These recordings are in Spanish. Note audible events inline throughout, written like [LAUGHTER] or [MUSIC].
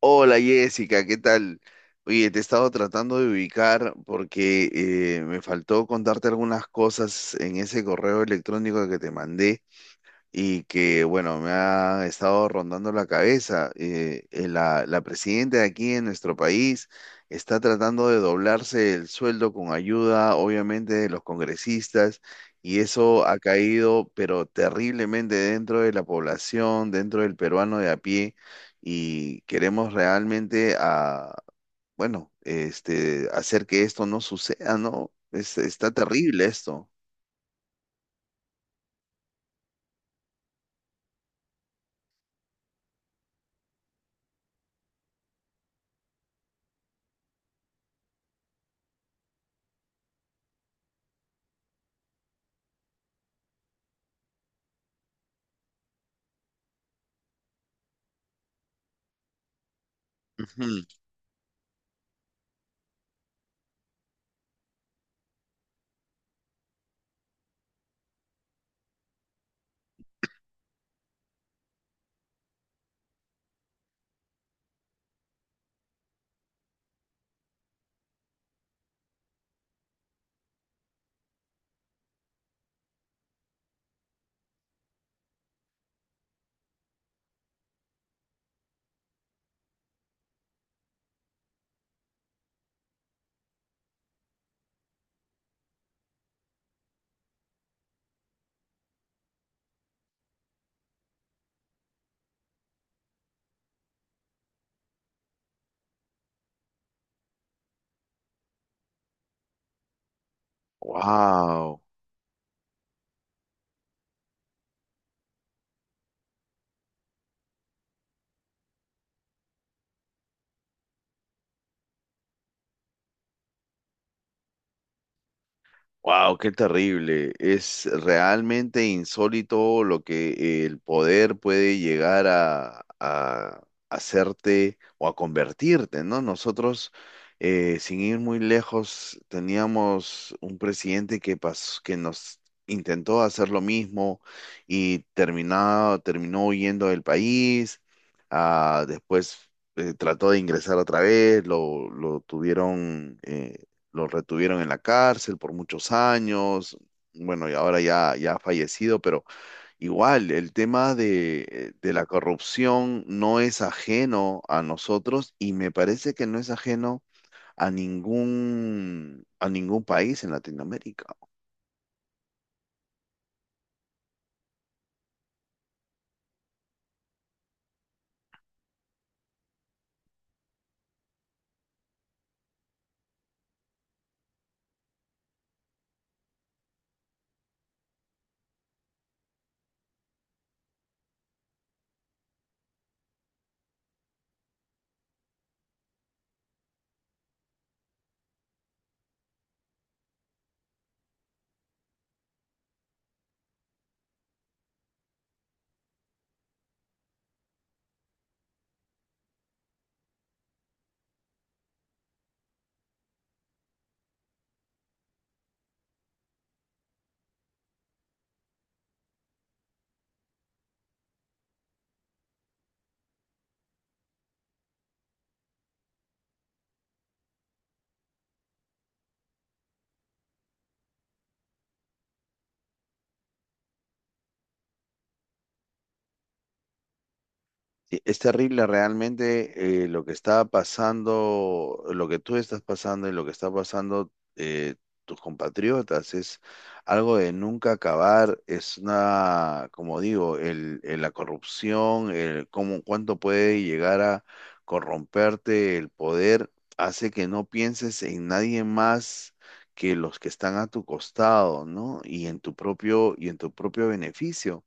Hola Jessica, ¿qué tal? Oye, te he estado tratando de ubicar porque me faltó contarte algunas cosas en ese correo electrónico que te mandé y que, bueno, me ha estado rondando la cabeza. La presidenta de aquí en nuestro país está tratando de doblarse el sueldo con ayuda, obviamente, de los congresistas, y eso ha caído, pero terriblemente dentro de la población, dentro del peruano de a pie, y queremos realmente a, bueno, hacer que esto no suceda, ¿no? Está terrible esto. Wow. Wow, qué terrible. Es realmente insólito lo que el poder puede llegar a hacerte o a convertirte, ¿no? Nosotros, sin ir muy lejos, teníamos un presidente que que nos intentó hacer lo mismo y terminó huyendo del país. Ah, después trató de ingresar otra vez, lo tuvieron. Lo retuvieron en la cárcel por muchos años, bueno, y ahora ya ha fallecido, pero igual el tema de la corrupción no es ajeno a nosotros y me parece que no es ajeno a ningún país en Latinoamérica. Sí, es terrible realmente lo que está pasando, lo que tú estás pasando y lo que está pasando, tus compatriotas. Es algo de nunca acabar. Es una, como digo, la corrupción, el cómo, cuánto puede llegar a corromperte el poder, hace que no pienses en nadie más que los que están a tu costado, ¿no? Y en tu propio, y en tu propio beneficio.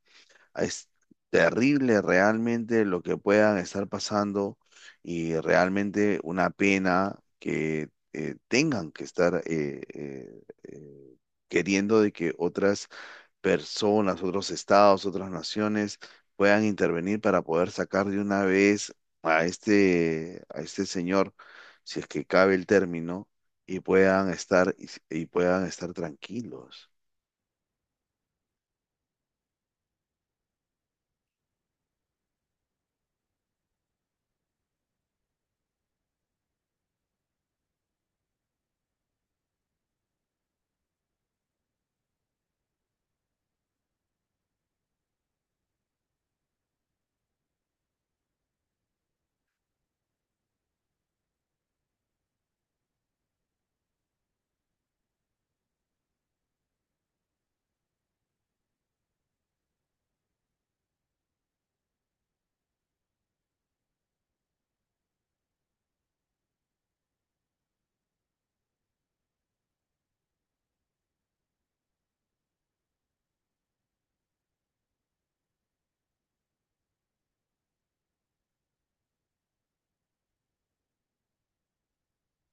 Es terrible realmente lo que puedan estar pasando y realmente una pena que tengan que estar queriendo de que otras personas, otros estados, otras naciones puedan intervenir para poder sacar de una vez a este señor, si es que cabe el término, y puedan estar y puedan estar tranquilos.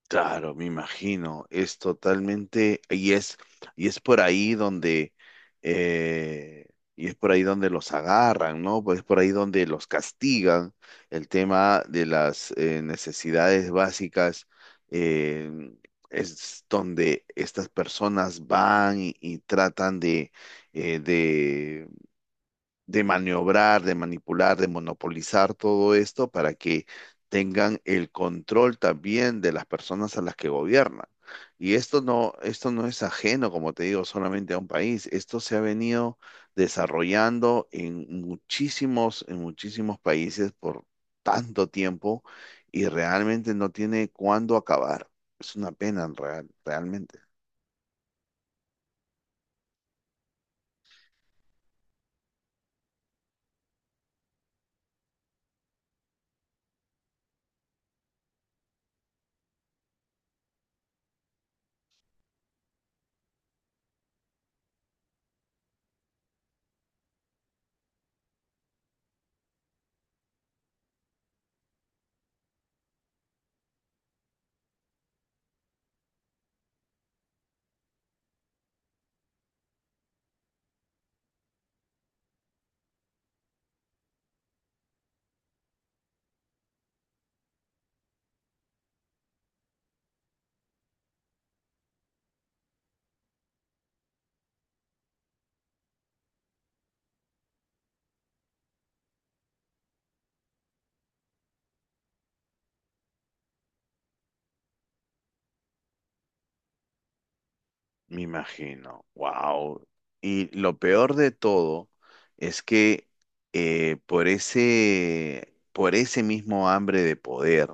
Claro, me imagino, es totalmente, y es por ahí donde, eh, y es por ahí donde los agarran, ¿no? Pues es por ahí donde los castigan, el tema de las necesidades básicas, eh, es donde estas personas van y tratan de, eh, de de maniobrar, de manipular, de monopolizar todo esto para que tengan el control también de las personas a las que gobiernan. Y esto no es ajeno, como te digo, solamente a un país. Esto se ha venido desarrollando en muchísimos países por tanto tiempo y realmente no tiene cuándo acabar. Es una pena, en realmente. Me imagino, wow. Y lo peor de todo es que por ese mismo hambre de poder,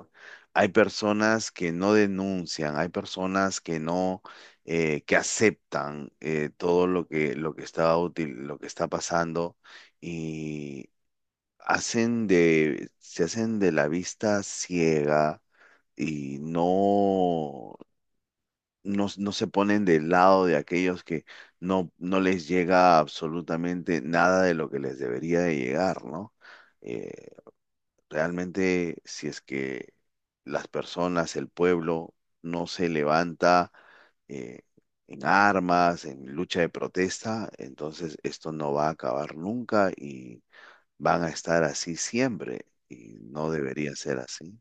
hay personas que no denuncian, hay personas que no, que aceptan todo lo que está útil, lo que está pasando y se hacen de la vista ciega y no se ponen del lado de aquellos que no les llega absolutamente nada de lo que les debería de llegar, ¿no? Eh, Realmente, si es que las personas, el pueblo, no se levanta eh, en armas, en lucha de protesta, entonces esto no va a acabar nunca y van a estar así siempre y no debería ser así.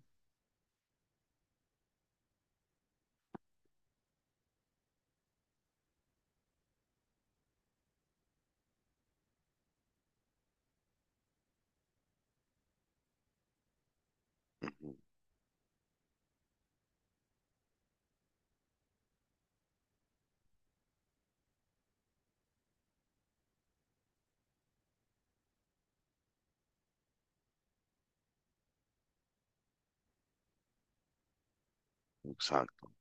Ujú. Exacto.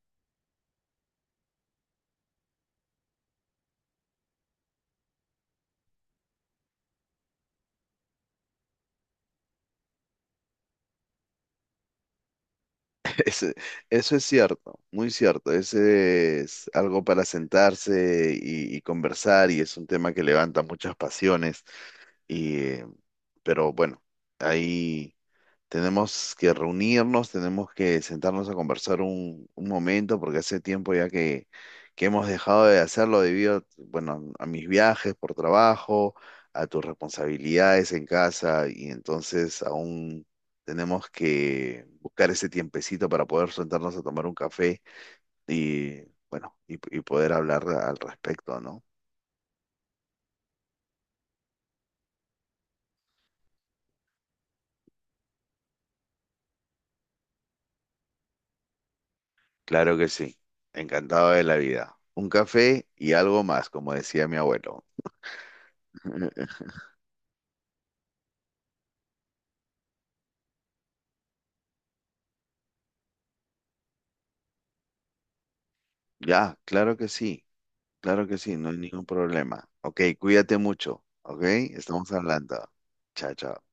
Ese- Eso es cierto, muy cierto. Ese es algo para sentarse y conversar y es un tema que levanta muchas pasiones. Y, eh, pero bueno, ahí. Tenemos que reunirnos, tenemos que sentarnos a conversar un momento, porque hace tiempo ya que hemos dejado de hacerlo debido, bueno, a mis viajes por trabajo, a tus responsabilidades en casa, y entonces aún tenemos que buscar ese tiempecito para poder sentarnos a tomar un café y, bueno, y poder hablar al respecto, ¿no? Claro que sí, encantado de la vida. Un café y algo más, como decía mi abuelo. [LAUGHS] Ya, claro que sí, no hay ningún problema. Ok, cuídate mucho, ok, estamos hablando. Chao, chao.